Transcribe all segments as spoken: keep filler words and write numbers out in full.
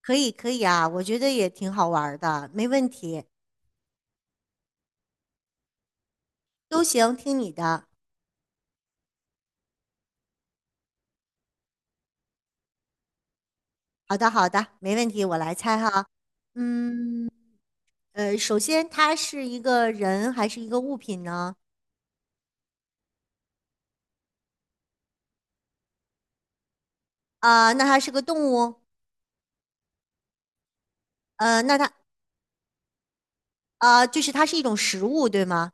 可以，可以啊，我觉得也挺好玩儿的，没问题，都行，听你的。好的，好的，没问题，我来猜哈。嗯，呃，首先它是一个人还是一个物品呢？啊、那它是个动物？呃，那它啊，就是它是一种食物，对吗？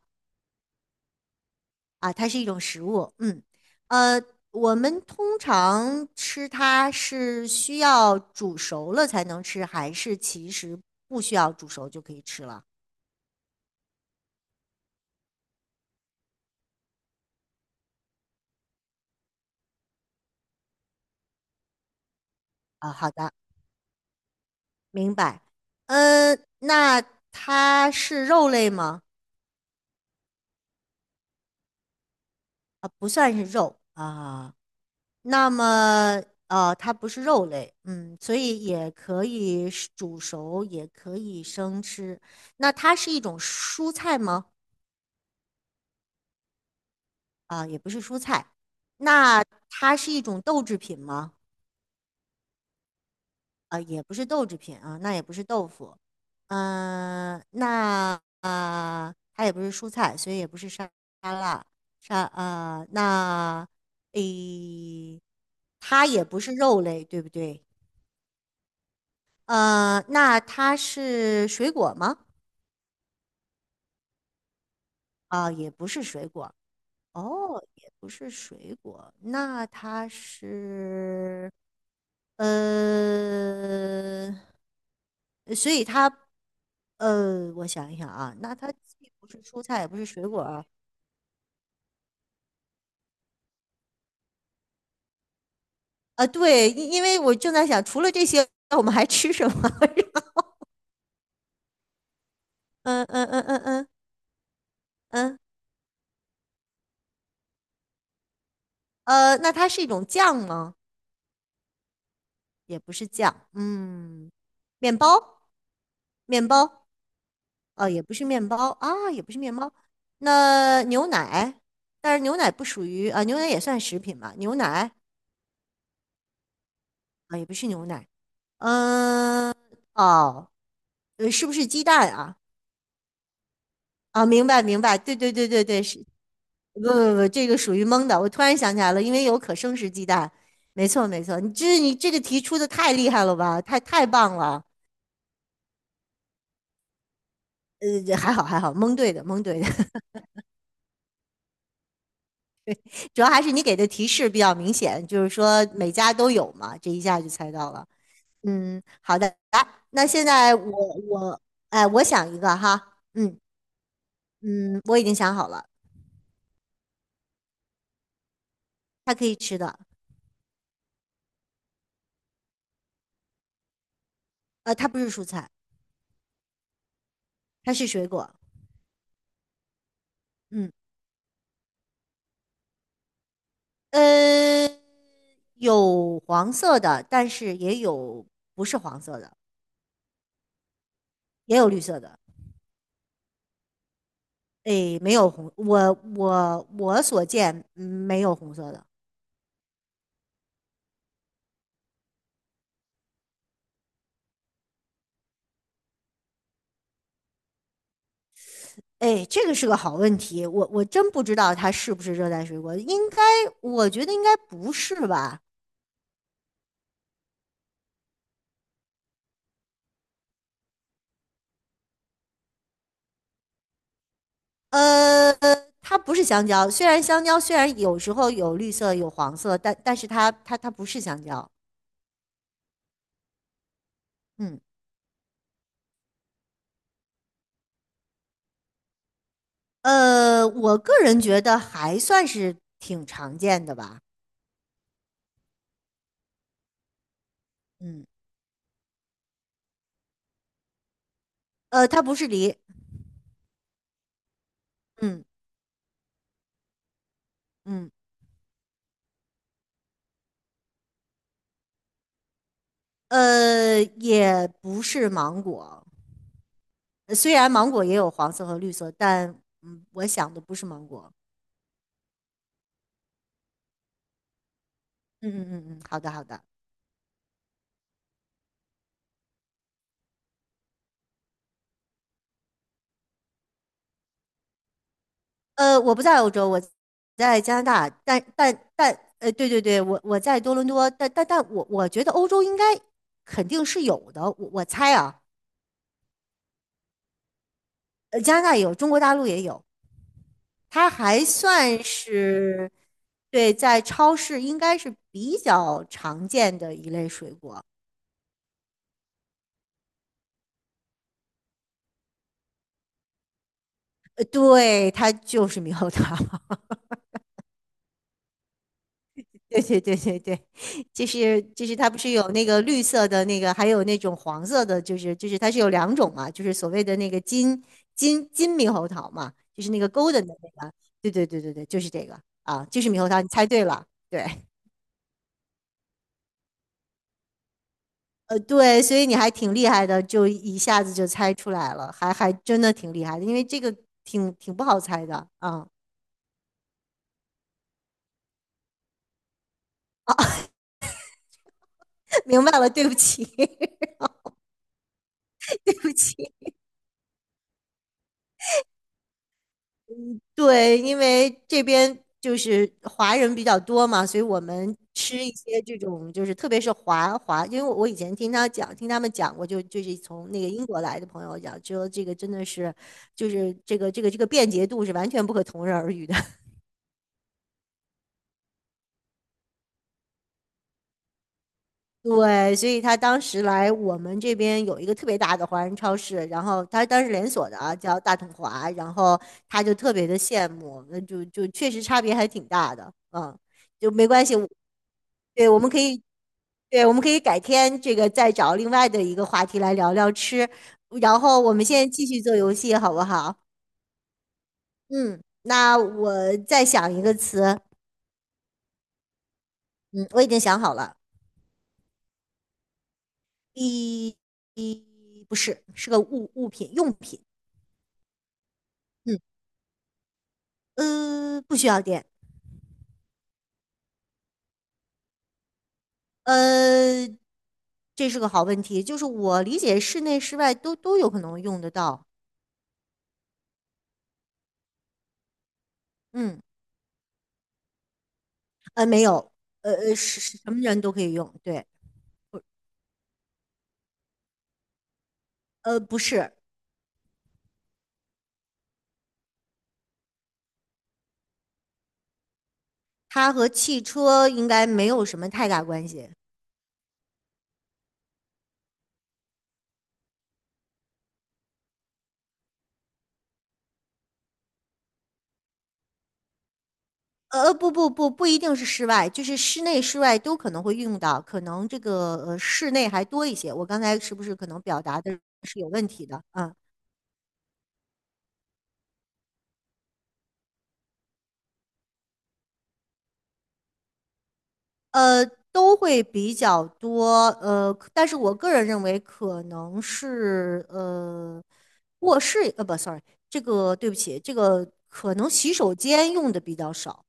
啊，它是一种食物。嗯，呃，我们通常吃它是需要煮熟了才能吃，还是其实不需要煮熟就可以吃了？啊，好的。明白。嗯，那它是肉类吗？啊，不算是肉啊。那么，呃，它不是肉类，嗯，所以也可以是煮熟，也可以生吃。那它是一种蔬菜吗？啊，也不是蔬菜。那它是一种豆制品吗？啊，也不是豆制品啊，那也不是豆腐，嗯、那啊、它也不是蔬菜，所以也不是沙沙拉，沙呃，那诶，它也不是肉类，对不对？呃，那它是水果吗？啊、也不是水果，哦，也不是水果，那它是呃。所以它呃，我想一想啊，那它既不是蔬菜，也不是水果啊，啊，对，因因为我正在想，除了这些，我们还吃什么？嗯嗯嗯嗯嗯嗯，呃，那它是一种酱吗？也不是酱，嗯，面包，面包，呃，也不是面包啊，也不是面包。那牛奶，但是牛奶不属于啊、牛奶也算食品吧？牛奶啊、也不是牛奶，嗯、哦，呃，是不是鸡蛋啊？啊，明白明白，对对对对对，是不不不，这个属于蒙的。我突然想起来了，因为有可生食鸡蛋。没错没错，你这你这个题出的太厉害了吧，太太棒了。呃，还好还好，蒙对的蒙对的，主要还是你给的提示比较明显，就是说每家都有嘛，这一下就猜到了。嗯，好的，来，那现在我我哎，我想一个哈，嗯嗯，我已经想好了，它可以吃的，呃，它不是蔬菜，它是水果。嗯。呃，有黄色的，但是也有不是黄色的，也有绿色的。哎，没有红，我我我所见嗯没有红色的。哎，这个是个好问题，我我真不知道它是不是热带水果，应该我觉得应该不是吧？呃，它不是香蕉，虽然香蕉虽然有时候有绿色有黄色，但但是它它它不是香蕉。嗯，呃，我个人觉得还算是挺常见的吧。嗯，呃，它不是梨，嗯嗯，呃，也不是芒果。呃虽然芒果也有黄色和绿色，但嗯，我想的不是芒果。嗯嗯嗯嗯，好的好的。呃，我不在欧洲，我在加拿大，但但但，呃，对对对，我我在多伦多，但但但我我觉得欧洲应该肯定是有的，我我猜啊，呃，加拿大也有，中国大陆也有。它还算是对，在超市应该是比较常见的一类水果。呃，对，它就是猕猴桃。对对对对对，就是就是它不是有那个绿色的那个，还有那种黄色的，就是就是它是有两种嘛，就是所谓的那个金金金猕猴桃嘛，就是那个 golden 的那个。对对对对对，就是这个啊，就是猕猴桃，你猜对了。对。呃，对，所以你还挺厉害的，就一下子就猜出来了，还还真的挺厉害的，因为这个挺挺不好猜的啊。明白了，对不起，对不起。对，因为这边就是华人比较多嘛，所以我们吃一些这种，就是特别是华华，因为我以前听他讲，听他们讲过，就就是从那个英国来的朋友讲，说这个真的是，就是这个这个这个便捷度是完全不可同日而语的。对，所以他当时来我们这边有一个特别大的华人超市，然后他当时连锁的啊，叫大统华，然后他就特别的羡慕，那就就确实差别还挺大的，嗯，就没关系，我对，我们可以，对，我们可以改天这个再找另外的一个话题来聊聊吃，然后我们现在继续做游戏好不好？嗯，那我再想一个词，嗯，我已经想好了，一，一不是，是个物物品用品。嗯，呃，不需要电，呃，这是个好问题，就是我理解室内室外都都有可能用得到，嗯，呃，没有，呃呃，是是什么人都可以用，对，呃，不是，它和汽车应该没有什么太大关系，呃，呃不不不，不一定是室外，就是室内室外都可能会用到，可能这个呃室内还多一些，我刚才是不是可能表达的是有问题的？嗯呃，都会比较多，呃，但是我个人认为可能是呃，卧室，呃，不，sorry，这个对不起，这个可能洗手间用的比较少。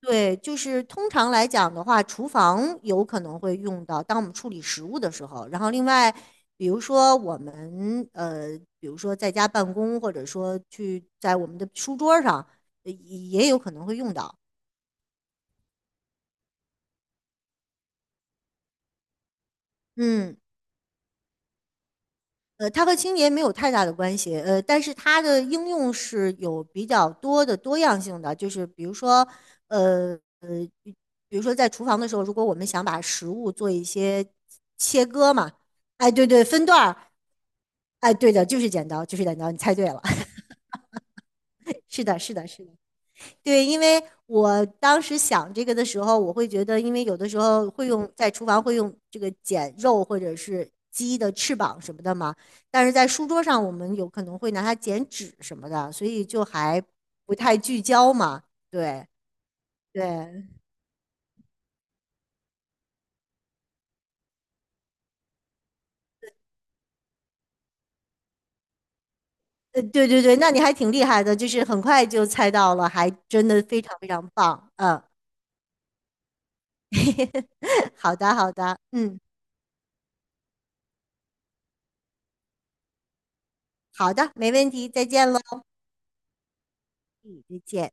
对，就是通常来讲的话，厨房有可能会用到，当我们处理食物的时候。然后另外，比如说我们呃，比如说在家办公，或者说去在我们的书桌上，呃也也有可能会用到。嗯。呃，它和清洁没有太大的关系，呃，但是它的应用是有比较多的多样性的，就是比如说，呃呃，比如说在厨房的时候，如果我们想把食物做一些切割嘛，哎，对对，分段儿，哎，对的，就是剪刀，就是剪刀，你猜对了，是的，是的，是的。对，因为我当时想这个的时候，我会觉得，因为有的时候会用在厨房会用这个剪肉或者是鸡的翅膀什么的嘛，但是在书桌上我们有可能会拿它剪纸什么的，所以就还不太聚焦嘛。对对，呃，对对对，那你还挺厉害的，就是很快就猜到了，还真的非常非常棒。嗯，好的好的，嗯，好的，没问题，再见喽，再见。